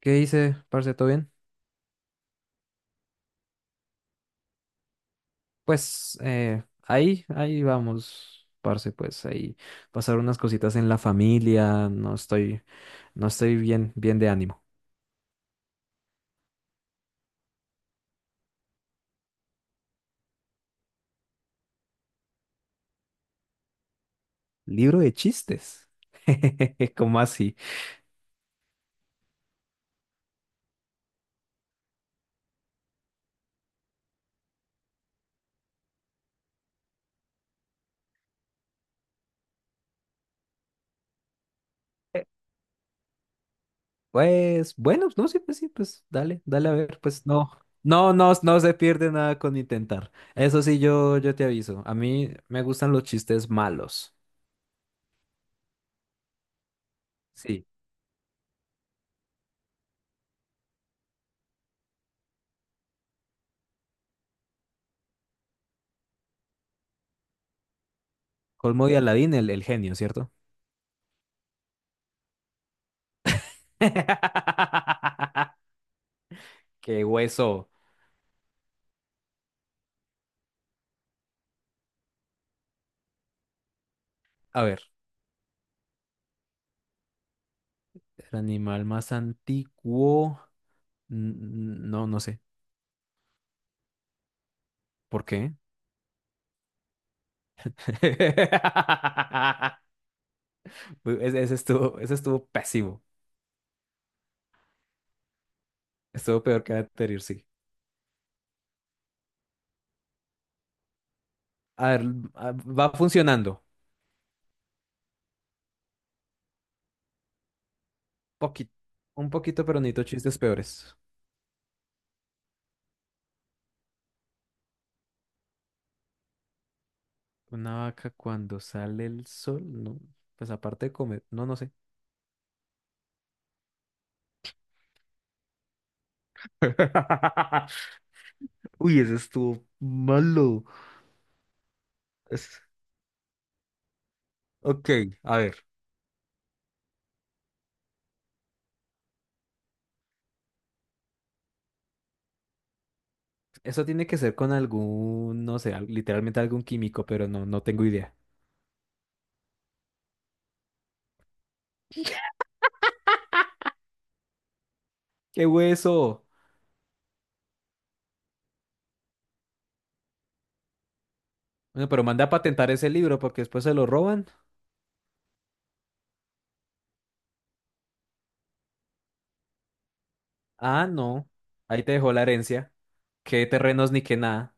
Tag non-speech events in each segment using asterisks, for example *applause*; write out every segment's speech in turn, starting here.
¿Qué dice, parce? ¿Todo bien? Pues ahí vamos, parce, pues ahí pasar unas cositas en la familia, no estoy bien, bien de ánimo. Libro de chistes. *laughs* ¿Cómo así? Eh, Pues bueno, no sé, pues sí, pues dale, dale a ver, pues no, no, no, no se pierde nada con intentar. Eso sí, yo te aviso, a mí me gustan los chistes malos. Sí. Colmo de Aladín, el genio, ¿cierto? *laughs* ¡Qué hueso! A ver, el animal más antiguo. n- No, no sé. ¿Por qué? *laughs* Uy, ese estuvo pésimo. Estuvo peor que el anterior, sí. A ver, va funcionando. Poquito, un poquito, pero necesito chistes peores. Una vaca cuando sale el sol, no. Pues aparte de comer, no, no sé. *laughs* Uy, ese estuvo malo. Es- Ok, a ver. Eso tiene que ser con algún, no sé, literalmente algún químico, pero no, no tengo idea. *laughs* ¡Qué hueso! Bueno, pero manda a patentar ese libro porque después se lo roban. Ah, no. Ahí te dejó la herencia. Qué terrenos ni qué nada.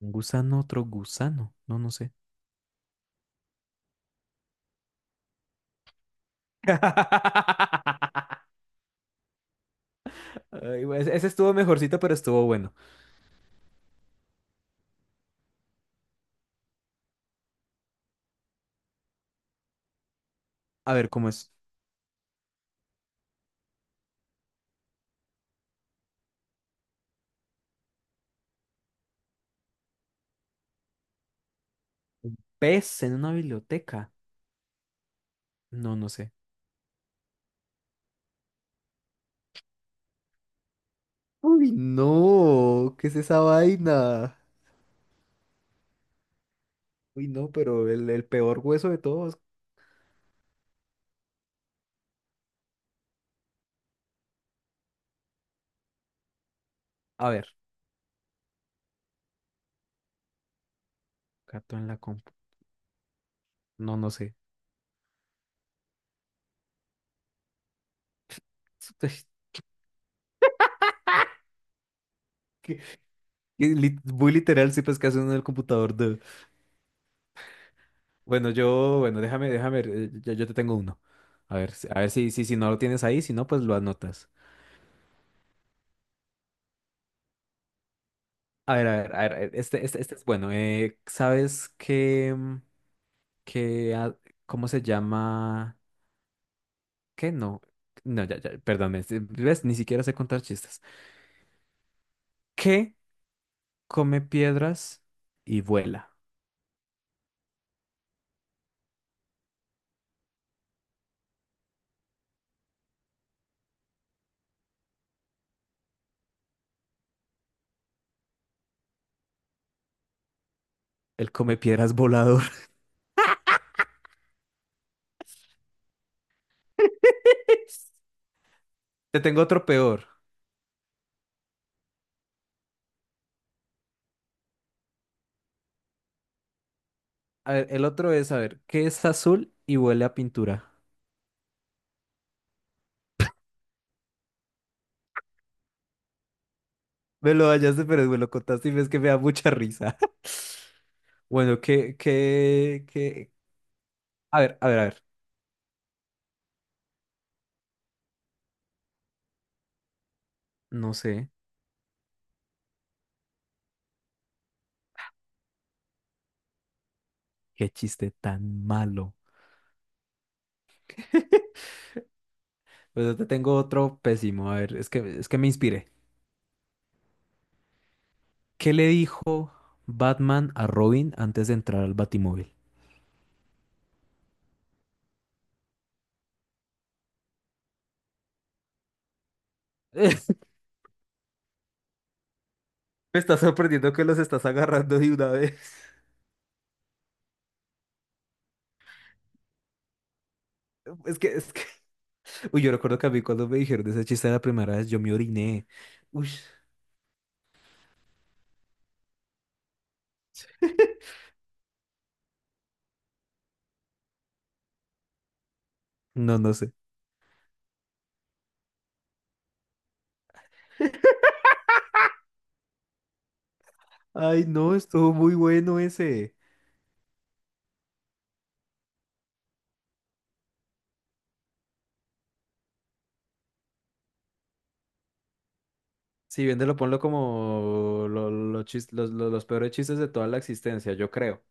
Un gusano, otro gusano. No, no sé. *laughs* Ay, güey, ese estuvo mejorcito, pero estuvo bueno. A ver, ¿cómo es? ¿Pez en una biblioteca? No, no sé. Uy, no, ¿qué es esa vaina? Uy, no, pero el peor hueso de todos. A ver. Gato en la compu. No, no sé. *laughs* Que- Muy literal, sí, pues que hace uno en el computador. Bueno, yo, bueno, yo te tengo uno. A ver, a ver si, si no lo tienes ahí, si no, pues lo anotas. A ver, a ver, a ver, este es bueno. ¿Sabes qué, qué, a- cómo se llama? ¿Qué? No, no, ya, perdón, ves, ni siquiera sé contar chistes. ¿Qué come piedras y vuela? El come piedras volador. *laughs* Te tengo otro peor. A ver, el otro es, a ver, ¿qué es azul y huele a pintura? Me lo hallaste, pero me lo contaste y ves que me da mucha risa. *laughs* Bueno, ¿qué? A ver, a ver, a ver. No sé, qué chiste tan malo. *laughs* Pues yo te tengo otro pésimo. A ver, es que me inspiré. ¿Qué le dijo Batman a Robin antes de entrar al Batimóvil? *laughs* Me está sorprendiendo que los estás agarrando de una vez. Es que, es que, uy, yo recuerdo que a mí cuando me dijeron ese chiste la primera vez, yo me oriné. Uy. No, no sé. Ay, no, estuvo muy bueno ese. Si bien te lo ponlo como lo chis- los peores chistes de toda la existencia, yo creo.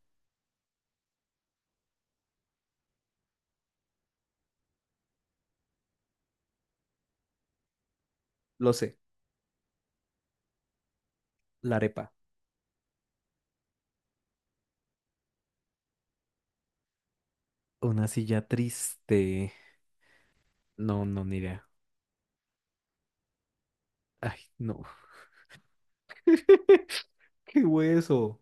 Lo sé. La arepa. Una silla triste. No, no, ni idea. Ay, no. *laughs* Qué hueso.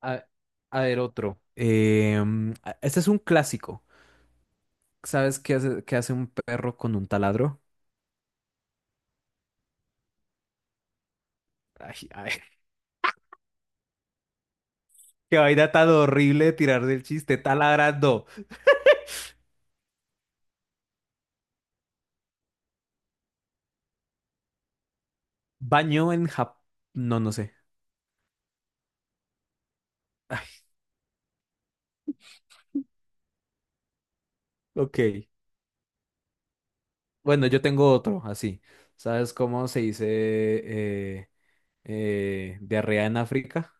A, a ver, otro. Este es un clásico. ¿Sabes qué hace un perro con un taladro? Ay, ay, *laughs* qué vaina tan horrible de tirar del chiste. Taladrando. Baño en Japón. No, no sé. Ok. Bueno, yo tengo otro, así. ¿Sabes cómo se dice diarrea en África?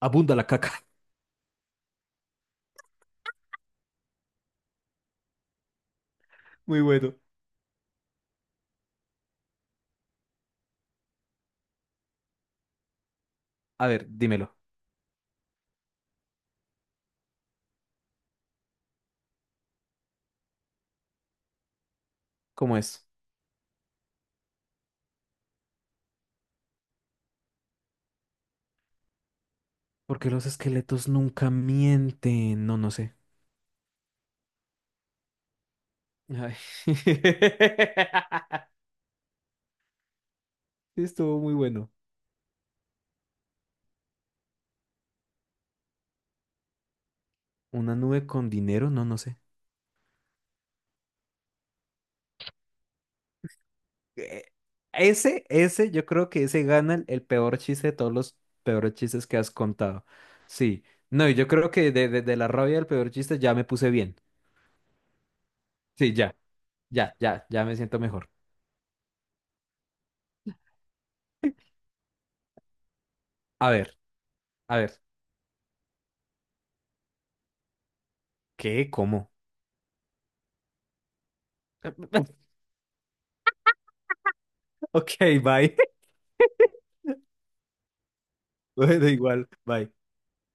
Abunda la caca. *laughs* Muy bueno. A ver, dímelo. ¿Cómo es? Porque los esqueletos nunca mienten. No, no sé. Ay. *laughs* Sí, estuvo muy bueno. ¿Una nube con dinero? No, no sé. Eh, ese, yo creo que ese gana el peor chiste de todos los peores chistes que has contado. Sí. No, y yo creo que de la rabia del peor chiste ya me puse bien. Sí, ya. Ya me siento mejor. A ver, a ver. ¿Qué? ¿Cómo? *laughs* Ok, bye. *laughs* Bueno, igual, bye.